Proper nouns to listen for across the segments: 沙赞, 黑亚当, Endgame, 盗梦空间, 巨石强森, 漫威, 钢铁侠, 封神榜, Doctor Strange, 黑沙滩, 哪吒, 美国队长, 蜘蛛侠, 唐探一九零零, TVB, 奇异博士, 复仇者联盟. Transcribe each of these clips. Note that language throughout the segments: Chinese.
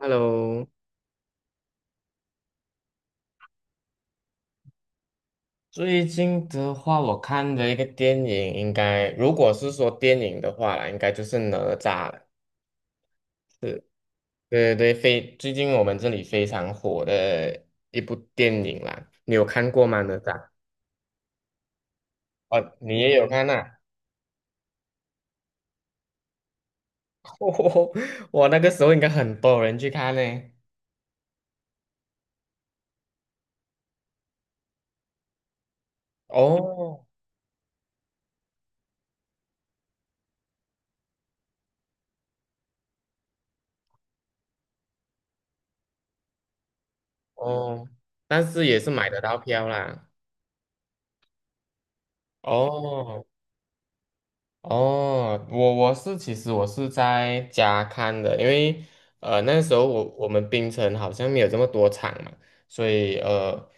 Hello，最近的话，我看的一个电影，应该如果是说电影的话啦，应该就是哪吒了。是，对对对，非最近我们这里非常火的一部电影啦，你有看过吗？哪吒？哦，你也有看呐、哦，我那个时候应该很多人去看嘞。哦哦，但是也是买得到票啦。哦哦，我我是其实我是在家看的，因为那时候我们槟城好像没有这么多场嘛，所以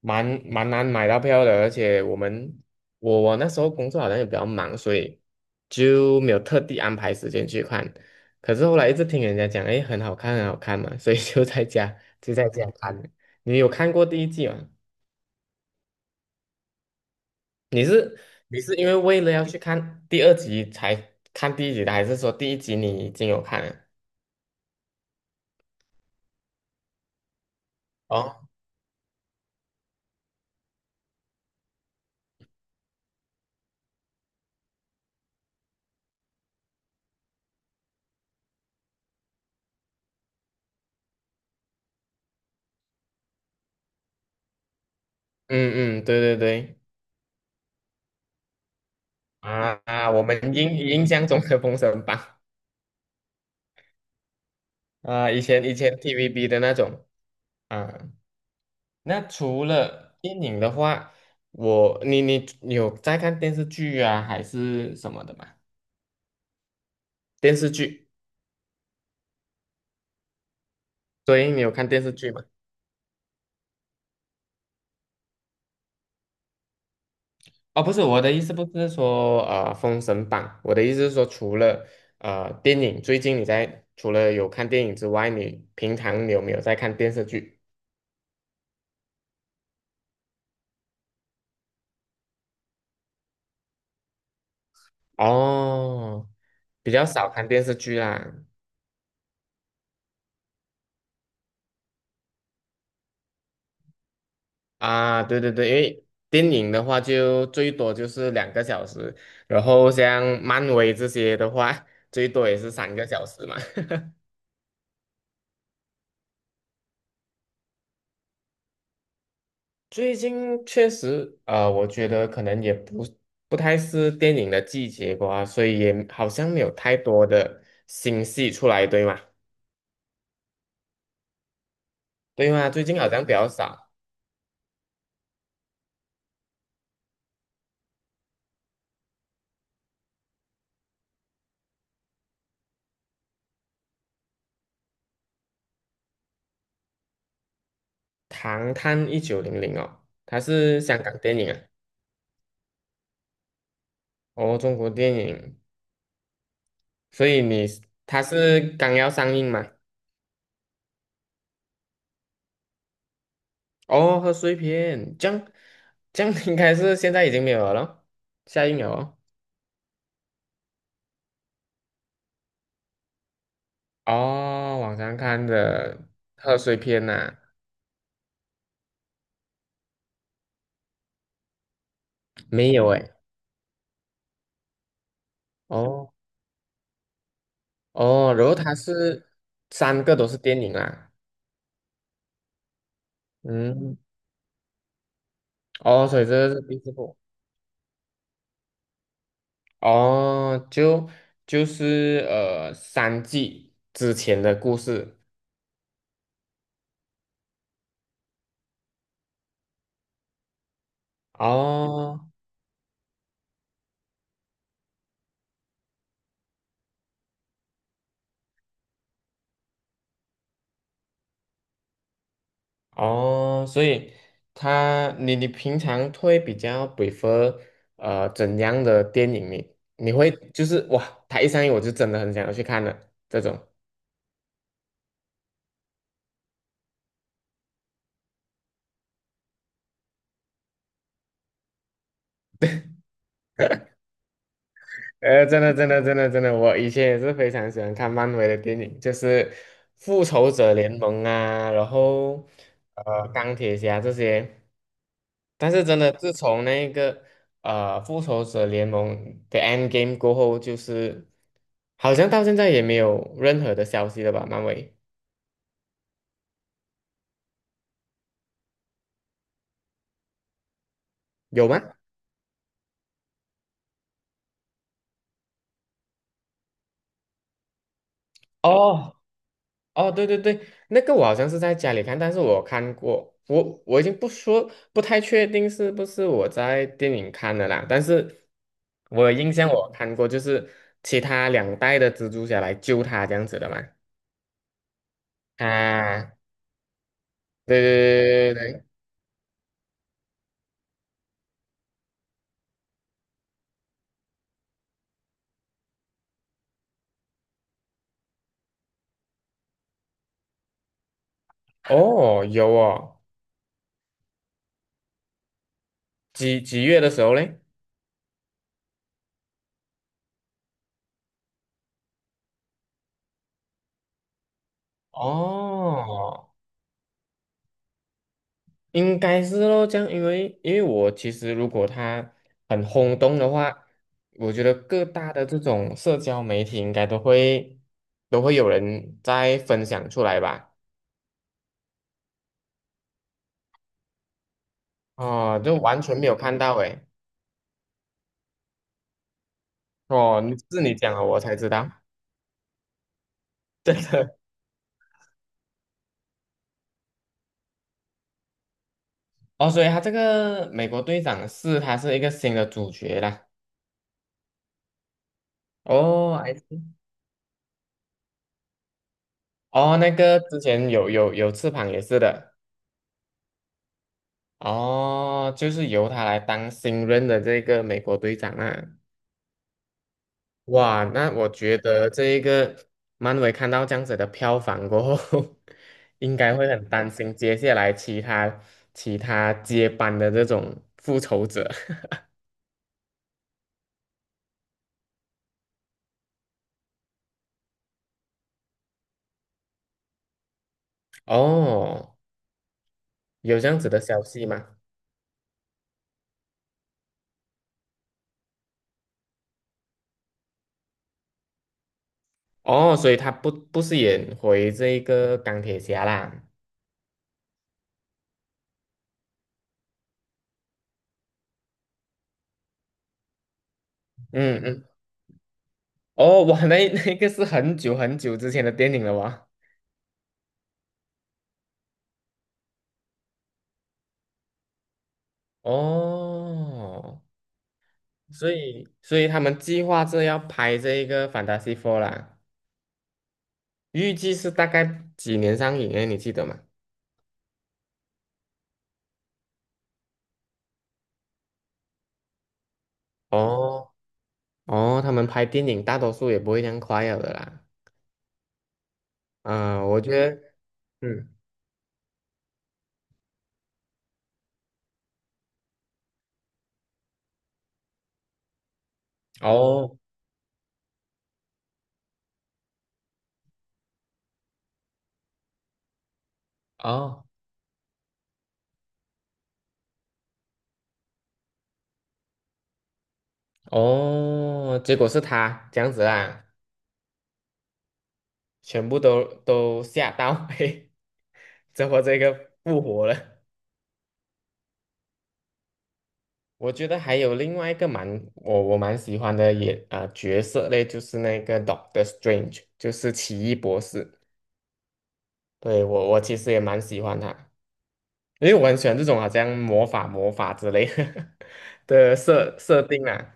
蛮难买到票的，而且我们我我那时候工作好像也比较忙，所以就没有特地安排时间去看。可是后来一直听人家讲，诶，很好看，很好看嘛，所以就在家看。你有看过第一季吗？你是你是为了要去看第二集才看第一集的，还是说第一集你已经有看了？哦，嗯嗯，对对对，啊啊，我们印象中的《封神榜》啊，以前TVB 的那种啊。那除了电影的话，我你你你有在看电视剧啊，还是什么的吗？电视剧，所以你有看电视剧吗？哦，不是，我的意思不是说《封神榜》，我的意思是说，除了电影，最近除了有看电影之外，你平常你有没有在看电视剧？哦，比较少看电视剧啦。啊，对对对，因为电影的话就最多就是2个小时，然后像漫威这些的话，最多也是3个小时嘛。最近确实，我觉得可能也不太是电影的季节吧，所以也好像没有太多的新戏出来，对吗？对吗？最近好像比较少，《唐探1900》哦，它是香港电影啊，哦，中国电影，所以你它是刚要上映嘛？哦，贺岁片，这样应该是现在已经没有了咯下映了哦。哦，网上看的贺岁片呐、没有诶。哦哦，然后它是三个都是电影啊，嗯，哦，所以这是第四部，哦，就是三季之前的故事，哦哦，所以你平常会比较 prefer 怎样的电影呢？你会就是哇，他一上映我就真的很想要去看了这种，哎，真的，真的，真的，真的，我以前也是非常喜欢看漫威的电影，就是《复仇者联盟》啊，然后，钢铁侠这些。但是真的，自从那个《复仇者联盟》的 Endgame 过后，就是好像到现在也没有任何的消息了吧？漫威有吗？哦，哦，对对对，那个我好像是在家里看，但是我看过，我已经不说，不太确定是不是我在电影看的啦，但是我有印象看过，就是其他两代的蜘蛛侠来救他这样子的嘛。啊，对对对对对，对哦，有哦，几月的时候嘞？哦应该是咯，这样，因为我其实如果他很轰动的话，我觉得各大的这种社交媒体应该都会有人在分享出来吧？哦，就完全没有看到诶。哦，你讲了我才知道，真的。哦，所以他这个美国队长是他是一个新的主角啦。哦，I s 哦，那个之前有翅膀也是的。哦，就是由他来当新任的这个美国队长啊。哇，那我觉得这一个漫威看到这样子的票房过后，应该会很担心接下来其他接班的这种复仇者。哦，有这样子的消息吗？哦，所以他不是演回这一个钢铁侠啦。嗯嗯，哦，哇，那 那个是很久很久之前的电影了哇。哦，所以他们计划着要拍这一个《Fantastic f o r 啦。预计是大概几年上映诶，你记得吗？哦哦，他们拍电影大多数也不会这样快了的啦。啊，我觉得，嗯，哦哦哦，结果是他这样子啦，全部都吓到，嘿，怎么这个复活了？我觉得还有另外一个蛮我我蛮喜欢的也啊、角色嘞，就是那个 Doctor Strange,就是奇异博士。对，我其实也蛮喜欢他。因为我很喜欢这种好像魔法之类 的设定啊！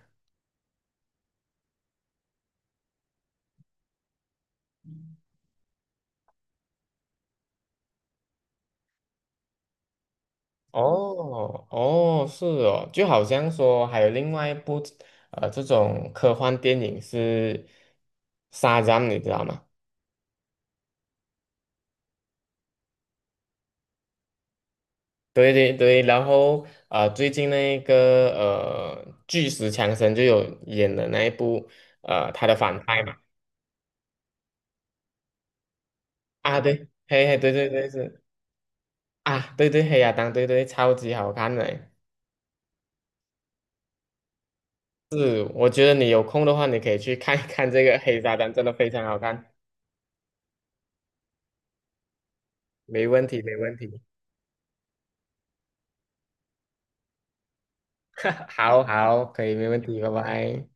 哦哦，是哦，就好像说还有另外一部这种科幻电影是《沙赞》，你知道吗？对对对，然后最近那个巨石强森就有演的那一部他的反派嘛。啊对，嘿嘿，对对对是啊对对黑亚当对对超级好看的。是，我觉得你有空的话，你可以去看一看这个《黑沙滩》，真的非常好看，没问题，没问题。好好，可以，没问题，拜拜。